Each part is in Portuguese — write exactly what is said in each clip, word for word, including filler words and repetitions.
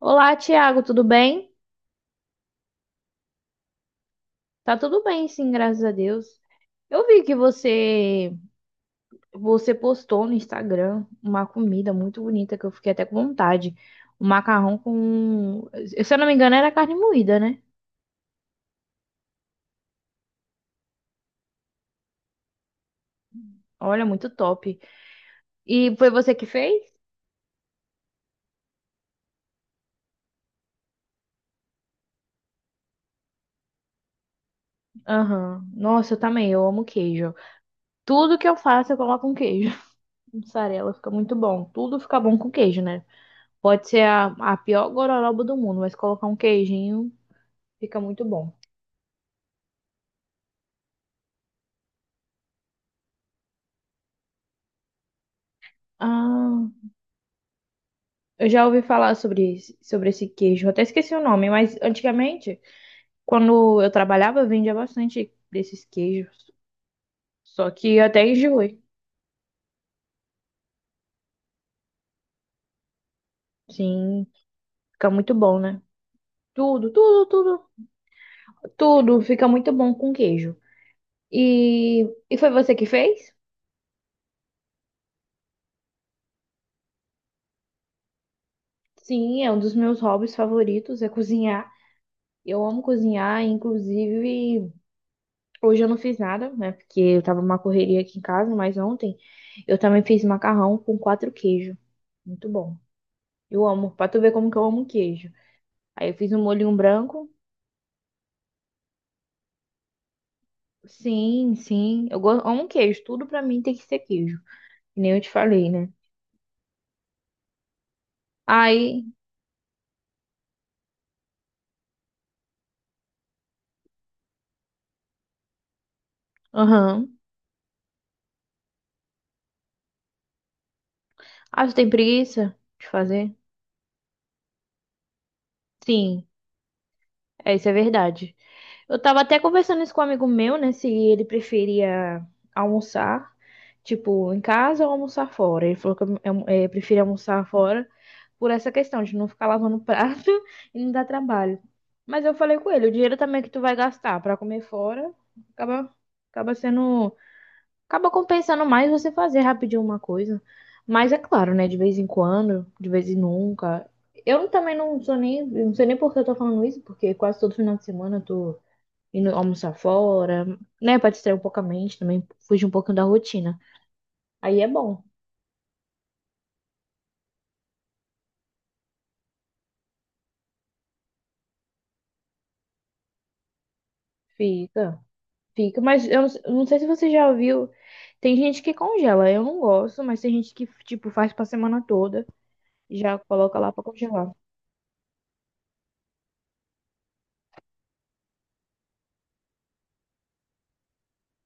Olá, Tiago, tudo bem? Tá tudo bem, sim, graças a Deus. Eu vi que você você postou no Instagram uma comida muito bonita que eu fiquei até com vontade. Um macarrão com, se eu não me engano, era carne moída, né? Olha, muito top. E foi você que fez? Aham. Nossa, eu também, eu amo queijo. Tudo que eu faço, eu coloco um queijo. Mussarela fica muito bom. Tudo fica bom com queijo, né? Pode ser a, a pior gororoba do mundo, mas colocar um queijinho fica muito bom. Ah. Eu já ouvi falar sobre, esse- sobre esse queijo. Eu até esqueci o nome, mas antigamente, quando eu trabalhava, vendia bastante desses queijos. Só que eu até enjoei. Sim, fica muito bom, né? Tudo, tudo, tudo, tudo fica muito bom com queijo. E, e foi você que fez? Sim, é um dos meus hobbies favoritos, é cozinhar. Eu amo cozinhar, inclusive hoje eu não fiz nada, né? Porque eu tava numa correria aqui em casa, mas ontem eu também fiz macarrão com quatro queijos. Muito bom. Eu amo, pra tu ver como que eu amo queijo. Aí eu fiz um molhinho branco. Sim, sim. Eu go- amo queijo. Tudo pra mim tem que ser queijo. Que nem eu te falei, né? Aí, aham. Ah, tu tem preguiça de fazer? Sim, é, isso é verdade. Eu tava até conversando isso com um amigo meu, né? Se ele preferia almoçar, tipo, em casa ou almoçar fora. Ele falou que é, é, prefere almoçar fora. Por essa questão de não ficar lavando prato e não dar trabalho. Mas eu falei com ele, o dinheiro também que tu vai gastar para comer fora, acaba, acaba sendo, acaba compensando mais você fazer rapidinho uma coisa. Mas é claro, né, de vez em quando, de vez em nunca. Eu também não sou nem, eu não sei nem por que eu tô falando isso, porque quase todo final de semana eu tô indo almoçar fora, né, para distrair um pouco a mente também, fugir um pouquinho da rotina. Aí é bom, fica. Fica, mas eu não, eu não sei se você já viu. Tem gente que congela, eu não gosto, mas tem gente que, tipo, faz pra semana toda e já coloca lá pra congelar.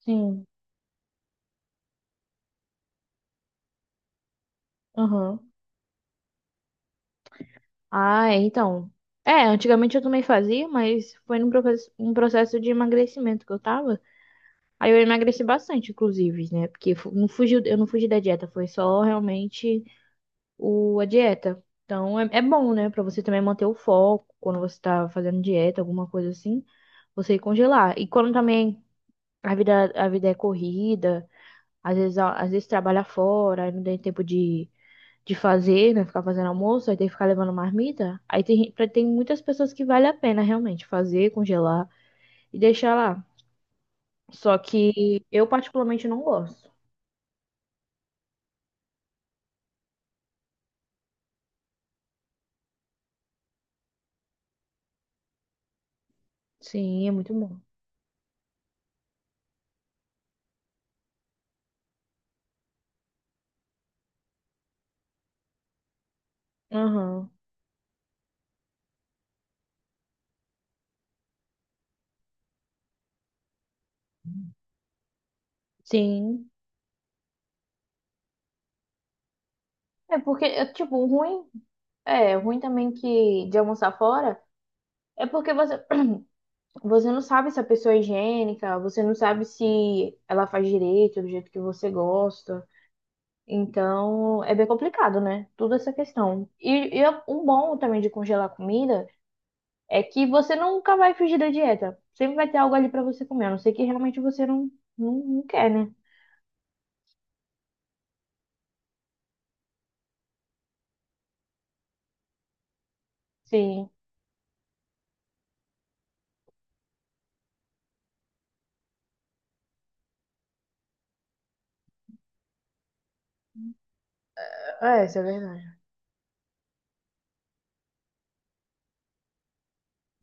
Sim, aham. Ah, é, então. É, antigamente eu também fazia, mas foi num proce- um processo de emagrecimento que eu tava. Aí eu emagreci bastante, inclusive, né? Porque fu- não fugiu, eu não fugi da dieta, foi só realmente o, a dieta. Então é, é bom, né? Pra você também manter o foco quando você tá fazendo dieta, alguma coisa assim você congelar. E quando também. A vida, a vida é corrida, às vezes, a- às vezes trabalha fora, aí não tem tempo de, de fazer, né? Ficar fazendo almoço, aí tem que ficar levando marmita. Aí tem, gen- pra- tem muitas pessoas que vale a pena realmente fazer, congelar e deixar lá. Só que eu particularmente não gosto. Sim, é muito bom. Aham. Sim. É porque, é, tipo, o ruim, é, o ruim também que de almoçar fora é porque você, você não sabe se a pessoa é higiênica, você não sabe se ela faz direito, do jeito que você gosta. Então, é bem complicado, né? Tudo essa questão. E, e é um bom também de congelar comida é que você nunca vai fugir da dieta. Sempre vai ter algo ali pra você comer, a não ser que realmente você não, não, não quer, né? Sim. É, isso é verdade.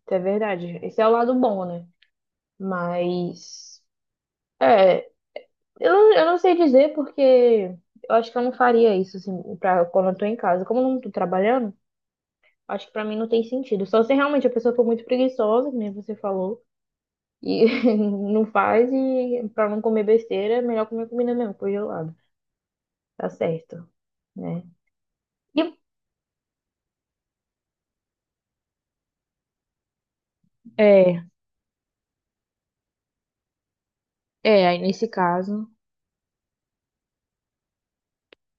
Isso é verdade. Esse é o lado bom, né? Mas. É, eu, não- eu não sei dizer porque eu acho que eu não faria isso, assim, pra, quando eu tô em casa. Como eu não tô trabalhando, acho que pra mim não tem sentido. Só se realmente a pessoa for muito preguiçosa, que nem você falou. E não faz, e pra não comer besteira, é melhor comer comida mesmo, congelada. Tá certo, né? E, é, é, aí nesse caso,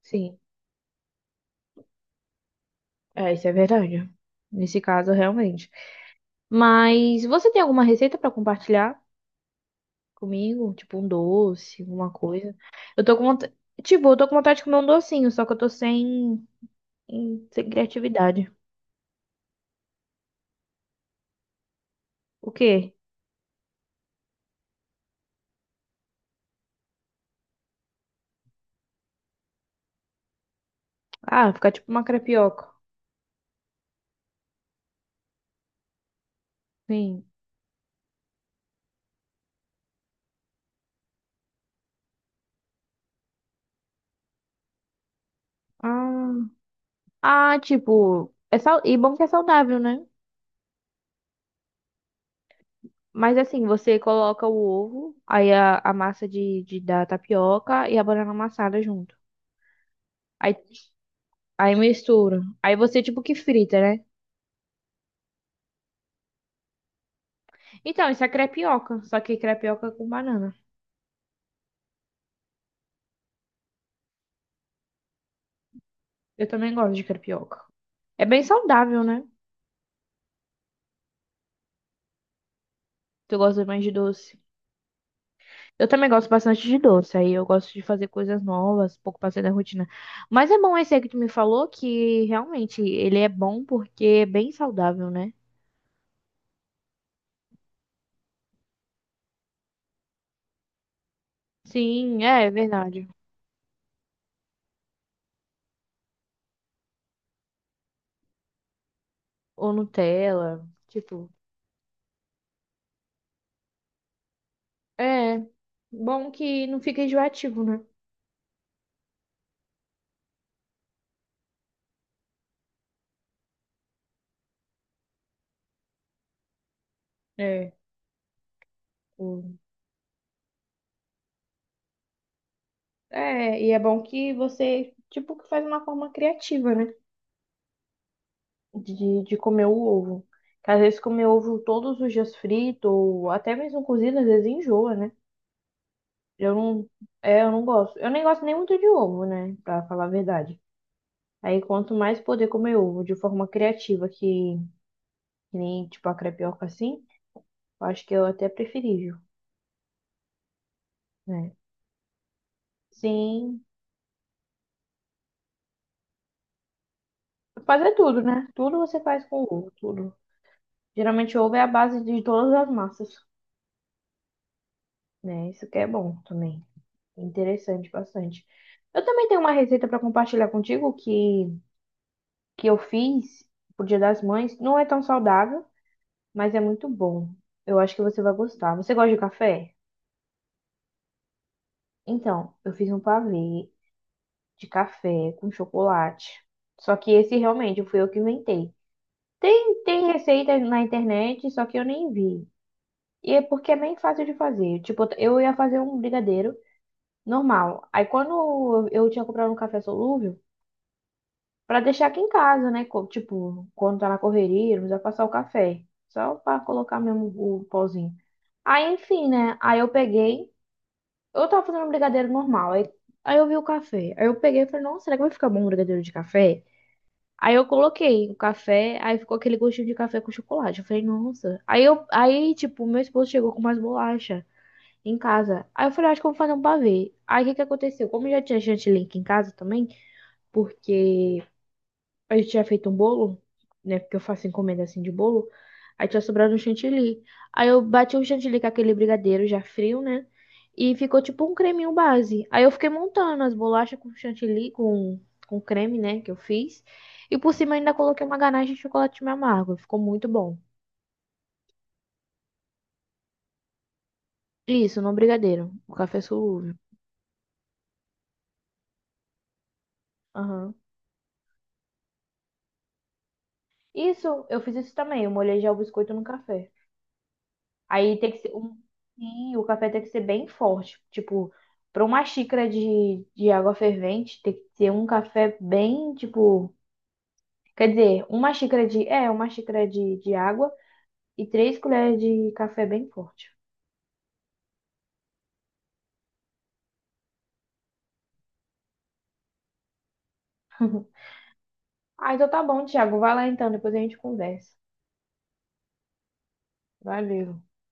sim, é, isso é verdade. Nesse caso, realmente. Mas você tem alguma receita pra compartilhar comigo? Tipo um doce, alguma coisa? Eu tô com vontade, tipo, eu tô com vontade de comer um docinho, só que eu tô sem, sem criatividade. O quê? Ah, ficar tipo uma crepioca. Sim. Ah. Ah, tipo, é sal... e bom que é saudável, né? Mas assim, você coloca o ovo, aí a, a massa de, de, da tapioca e a banana amassada junto. Aí, aí mistura. Aí você tipo que frita, né? Então, isso é crepioca, só que crepioca com banana. Eu também gosto de crepioca. É bem saudável, né? Tu gosta mais de doce. Eu também gosto bastante de doce, aí eu gosto de fazer coisas novas, um pouco passei da rotina. Mas é bom esse aí que tu me falou, que realmente ele é bom porque é bem saudável, né? Sim, é, é verdade. Ou Nutella, tipo, é bom que não fica enjoativo, né? É, o- é, e é bom que você, tipo, que faz uma forma criativa, né? De, de comer o ovo. Que às vezes comer ovo todos os dias frito, ou até mesmo cozido, às vezes enjoa, né? Eu não, é, eu não gosto. Eu nem gosto nem muito de ovo, né? Pra falar a verdade. Aí quanto mais poder comer ovo de forma criativa, que, que nem, tipo, a crepioca assim, eu acho que eu até preferível. Né? Sim. Fazer tudo, né? Tudo você faz com ovo, tudo. Geralmente ovo é a base de todas as massas, né? Isso que é bom também. É interessante bastante. Eu também tenho uma receita para compartilhar contigo que, que eu fiz pro Dia das Mães. Não é tão saudável, mas é muito bom. Eu acho que você vai gostar. Você gosta de café? Então, eu fiz um pavê de café com chocolate. Só que esse realmente fui eu que inventei. Tem, tem receita na internet, só que eu nem vi. E é porque é bem fácil de fazer. Tipo, eu ia fazer um brigadeiro normal. Aí quando eu tinha comprado um café solúvel, pra deixar aqui em casa, né? Co- Tipo, quando tá na correria, não precisa passar o café. Só pra colocar mesmo o pozinho. Aí, enfim, né? Aí eu peguei. Eu tava fazendo um brigadeiro normal. Aí, aí eu vi o café. Aí eu peguei e falei, nossa, será que vai ficar bom um brigadeiro de café? Aí eu coloquei o café, aí ficou aquele gostinho de café com chocolate. Eu falei, nossa. Aí eu, aí, tipo, meu esposo chegou com mais bolacha em casa. Aí eu falei, "Ah, acho que eu vou fazer um pavê." Aí o que que aconteceu? Como eu já tinha chantilly aqui em casa também, porque a gente tinha feito um bolo, né? Porque eu faço encomenda assim de bolo. Aí tinha sobrado um chantilly. Aí eu bati o chantilly com aquele brigadeiro já frio, né? E ficou tipo um creminho base. Aí eu fiquei montando as bolachas com chantilly, com, com creme, né? Que eu fiz. E por cima ainda coloquei uma ganache de chocolate meio amargo. Ficou muito bom. Isso, no brigadeiro. O café solúvel. Aham. Isso, eu fiz isso também. Eu molhei já o biscoito no café. Aí tem que ser um. Sim, o café tem que ser bem forte. Tipo, para uma xícara de, de água fervente, tem que ser um café bem, tipo. Quer dizer, uma xícara de. É, uma xícara de, de água e três colheres de café bem forte. Ah, então tá bom, Thiago. Vai lá então, depois a gente conversa. Valeu.